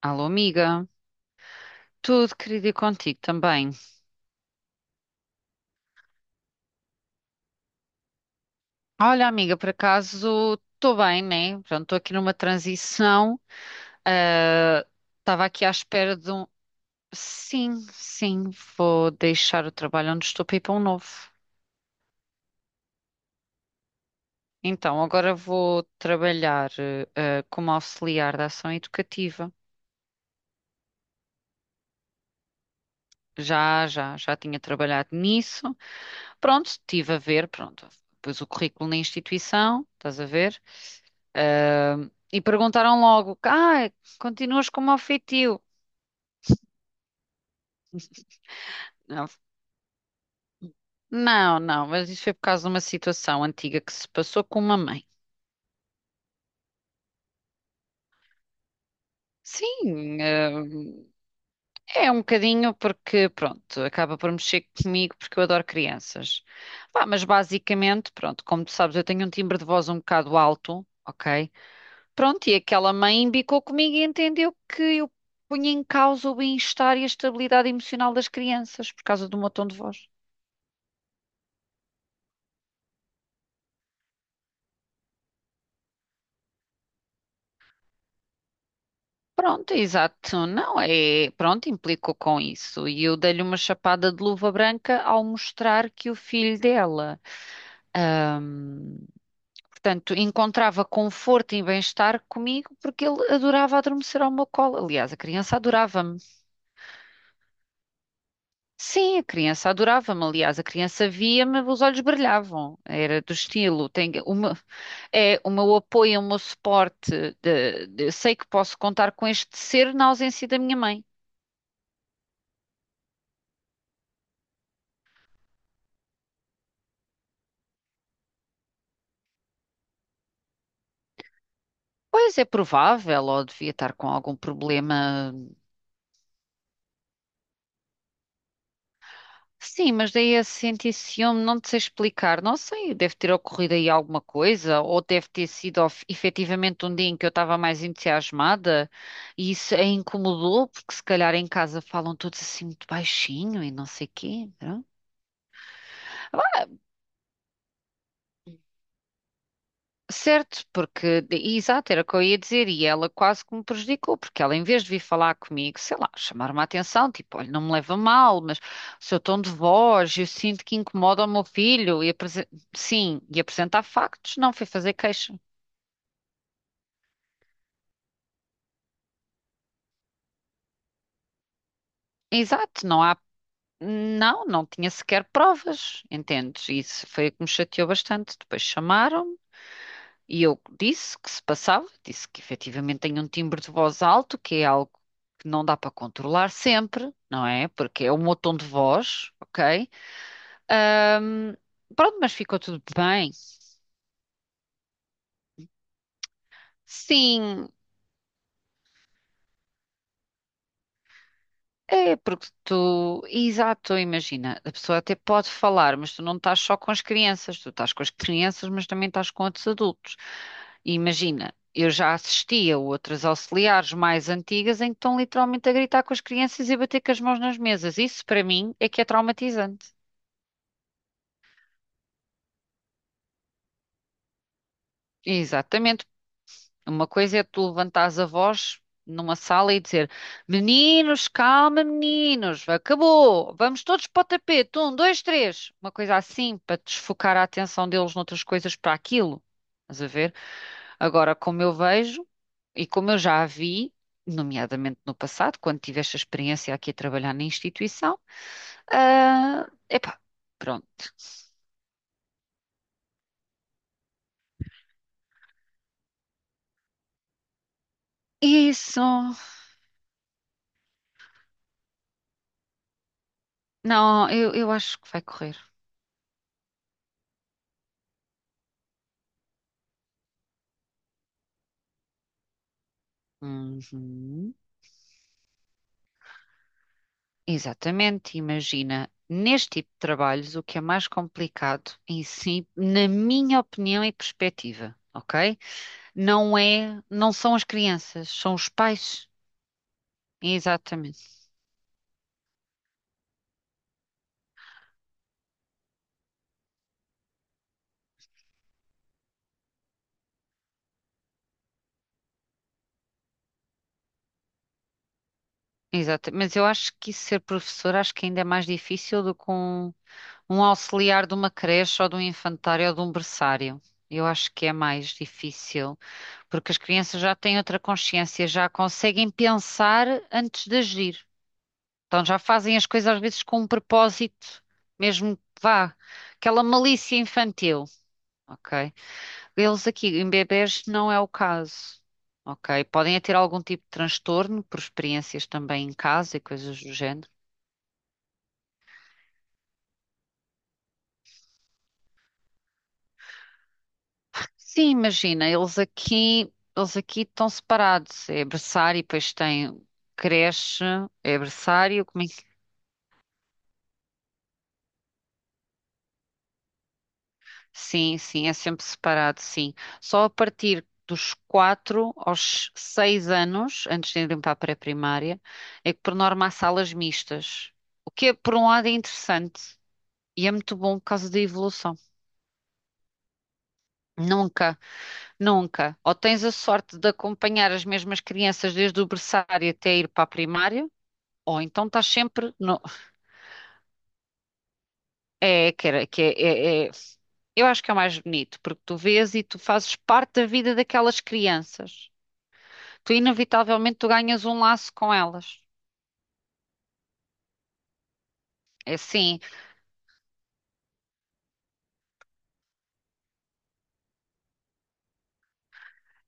Alô, amiga. Tudo querido e contigo também. Olha, amiga, por acaso estou bem, né? Pronto, estou aqui numa transição. Ah, estava aqui à espera de um. Sim, sim, vou deixar o trabalho onde estou para ir para um novo. Então, agora vou trabalhar como auxiliar da ação educativa. Já tinha trabalhado nisso. Pronto, estive a ver, pronto, pus o currículo na instituição, estás a ver? Ah, e perguntaram logo, ah, continuas como ofetivo? Não, não, não, mas isso foi por causa de uma situação antiga que se passou com uma mãe. Sim, ah, é um bocadinho porque, pronto, acaba por mexer comigo porque eu adoro crianças. Pá, mas basicamente, pronto, como tu sabes, eu tenho um timbre de voz um bocado alto, ok? Pronto, e aquela mãe embicou comigo e entendeu que eu punha em causa o bem-estar e a estabilidade emocional das crianças por causa do meu tom de voz. Pronto, exato, não é? Pronto, implicou com isso. E eu dei-lhe uma chapada de luva branca ao mostrar que o filho dela, hum, portanto, encontrava conforto e bem-estar comigo porque ele adorava adormecer ao meu colo. Aliás, a criança adorava-me. Sim, a criança adorava-me, aliás, a criança via-me, os olhos brilhavam, era do estilo, tem uma, é o meu apoio, o meu suporte, sei que posso contar com este ser na ausência da minha mãe. Pois é provável, ou devia estar com algum problema. Sim, mas daí a sentir ciúme, não te sei explicar. Não sei, deve ter ocorrido aí alguma coisa, ou deve ter sido efetivamente um dia em que eu estava mais entusiasmada e isso a incomodou, porque se calhar em casa falam todos assim muito baixinho e não sei quê, não? Certo, porque, exato, era o que eu ia dizer, e ela quase que me prejudicou, porque ela, em vez de vir falar comigo, sei lá, chamar-me a atenção, tipo, olha, não me leva a mal, mas o seu tom de voz, eu sinto que incomoda o meu filho, e sim, e apresentar factos, não foi fazer queixa. Exato, não há, não, não tinha sequer provas, entendes? Isso foi o que me chateou bastante. Depois chamaram-me. E eu disse que se passava, disse que efetivamente tenho um timbre de voz alto, que é algo que não dá para controlar sempre, não é? Porque é o meu tom de voz, ok? Ahm, Pronto, mas ficou tudo bem. Sim, é porque tu, exato, imagina, a pessoa até pode falar, mas tu não estás só com as crianças, tu estás com as crianças, mas também estás com outros adultos. Imagina, eu já assisti a outras auxiliares mais antigas em que estão literalmente a gritar com as crianças e a bater com as mãos nas mesas. Isso, para mim, é que é traumatizante. Exatamente. Uma coisa é tu levantares a voz numa sala e dizer: meninos, calma, meninos, acabou, vamos todos para o tapete, um, dois, três. Uma coisa assim, para desfocar a atenção deles noutras coisas para aquilo. Estás a ver? Agora, como eu vejo e como eu já a vi, nomeadamente no passado, quando tive esta experiência aqui a trabalhar na instituição, ah, epá, pronto. Isso, não, eu acho que vai correr. Uhum. Exatamente, imagina, neste tipo de trabalhos, o que é mais complicado em si, na minha opinião e perspectiva, ok? Não é, não são as crianças, são os pais. Exatamente. Exato, mas eu acho que isso ser professor acho que ainda é mais difícil do que um auxiliar de uma creche ou de um infantário ou de um berçário. Eu acho que é mais difícil, porque as crianças já têm outra consciência, já conseguem pensar antes de agir. Então já fazem as coisas às vezes com um propósito, mesmo que vá, aquela malícia infantil, ok? Eles aqui em bebés não é o caso. Ok, podem é ter algum tipo de transtorno por experiências também em casa e coisas do género. Sim, imagina, eles aqui estão separados. É berçário, depois tem creche, é berçário, sim, sim, é sempre separado, sim. Só a partir dos quatro aos seis anos, antes de irem para a pré-primária, é que por norma há salas mistas. O que é, por um lado é interessante e é muito bom por causa da evolução. Nunca, nunca. Ou tens a sorte de acompanhar as mesmas crianças desde o berçário até ir para a primária, ou então estás sempre no. É, que era, que é, é- é- Eu acho que é o mais bonito, porque tu vês e tu fazes parte da vida daquelas crianças. Tu, inevitavelmente, tu ganhas um laço com elas. É assim,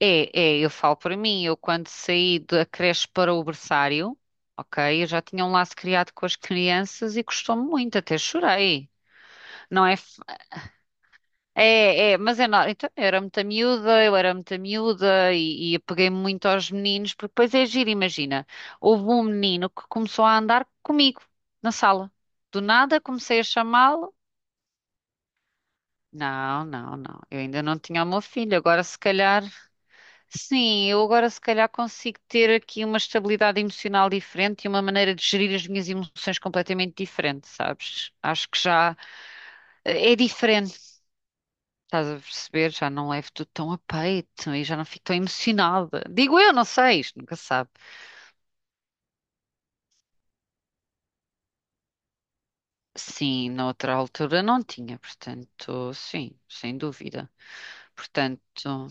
é, é, eu falo para mim, eu quando saí da creche para o berçário, ok, eu já tinha um laço criado com as crianças e custou-me muito, até chorei. Não é. É, é, mas é não. Então, eu era muita miúda, eu era muita miúda e apeguei-me muito aos meninos, porque depois é giro, imagina. Houve um menino que começou a andar comigo na sala. Do nada comecei a chamá-lo. Não, não, não. Eu ainda não tinha o meu filho. Agora se calhar, sim, eu agora se calhar consigo ter aqui uma estabilidade emocional diferente e uma maneira de gerir as minhas emoções completamente diferente, sabes? Acho que já é diferente. Estás a perceber? Já não levo tudo tão a peito e já não fico tão emocionada. Digo eu, não sei, isto nunca se sabe. Sim, na outra altura não tinha, portanto, sim, sem dúvida. Portanto,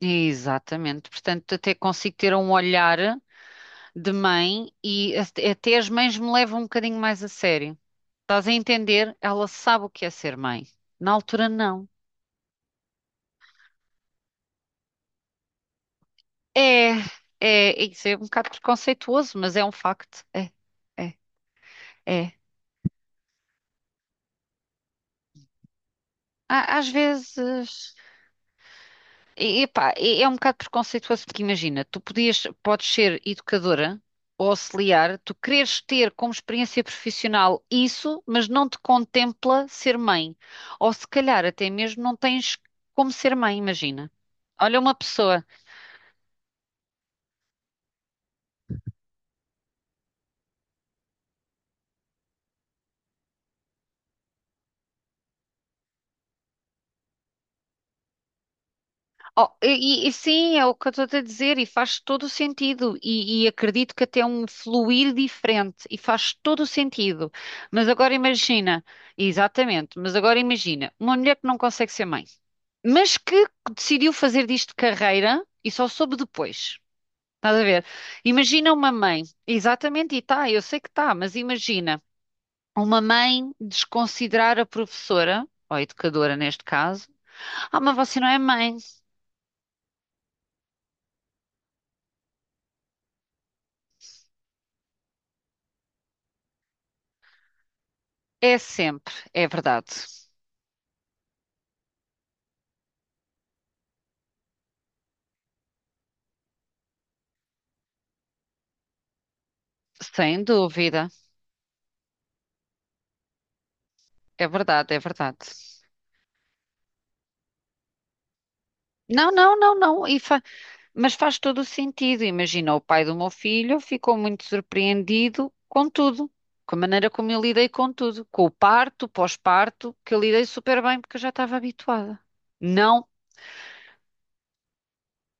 exatamente. Portanto, até consigo ter um olhar de mãe e até as mães me levam um bocadinho mais a sério. Estás a entender? Ela sabe o que é ser mãe. Na altura, não. É, é, isso é um bocado preconceituoso, mas é um facto. É, é, é. Às vezes, e, epá, é um bocado preconceituoso, porque imagina, tu podias, podes ser educadora ou auxiliar, tu queres ter como experiência profissional isso, mas não te contempla ser mãe. Ou se calhar até mesmo não tens como ser mãe, imagina. Olha uma pessoa. Oh, e, e sim, é o que eu estou a dizer, e faz todo o sentido, e acredito que até é um fluir diferente, e faz todo o sentido. Mas agora imagina, exatamente, mas agora imagina, uma mulher que não consegue ser mãe, mas que decidiu fazer disto carreira e só soube depois. Estás a ver? Imagina uma mãe, exatamente, e tá, eu sei que tá, mas imagina uma mãe desconsiderar a professora, ou a educadora neste caso, ah, mas você não é mãe. É sempre, é verdade. Sem dúvida. É verdade, é verdade. Não, não, não, não. Mas faz todo o sentido. Imagina, o pai do meu filho ficou muito surpreendido com tudo, com a maneira como eu lidei com tudo, com o parto, pós-parto, que eu lidei super bem porque eu já estava habituada. Não.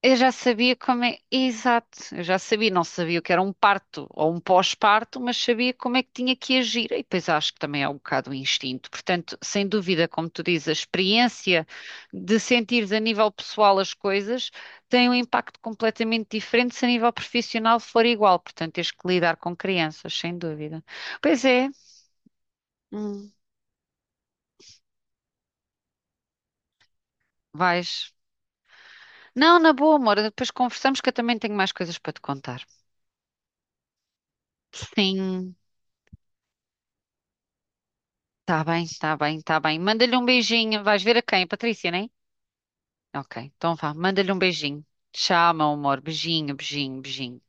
Eu já sabia como é. Exato, eu já sabia, não sabia o que era um parto ou um pós-parto, mas sabia como é que tinha que agir. E depois acho que também é um bocado o instinto. Portanto, sem dúvida, como tu dizes, a experiência de sentires a nível pessoal as coisas tem um impacto completamente diferente se a nível profissional for igual. Portanto, tens que lidar com crianças, sem dúvida. Pois é, hum, vais. Não, na boa, amor, depois conversamos que eu também tenho mais coisas para te contar. Sim. Tá bem, está bem, está bem. Manda-lhe um beijinho. Vais ver a quem? A Patrícia, né? Ok, então vá. Manda-lhe um beijinho. Tchau, meu amor. Beijinho, beijinho, beijinho.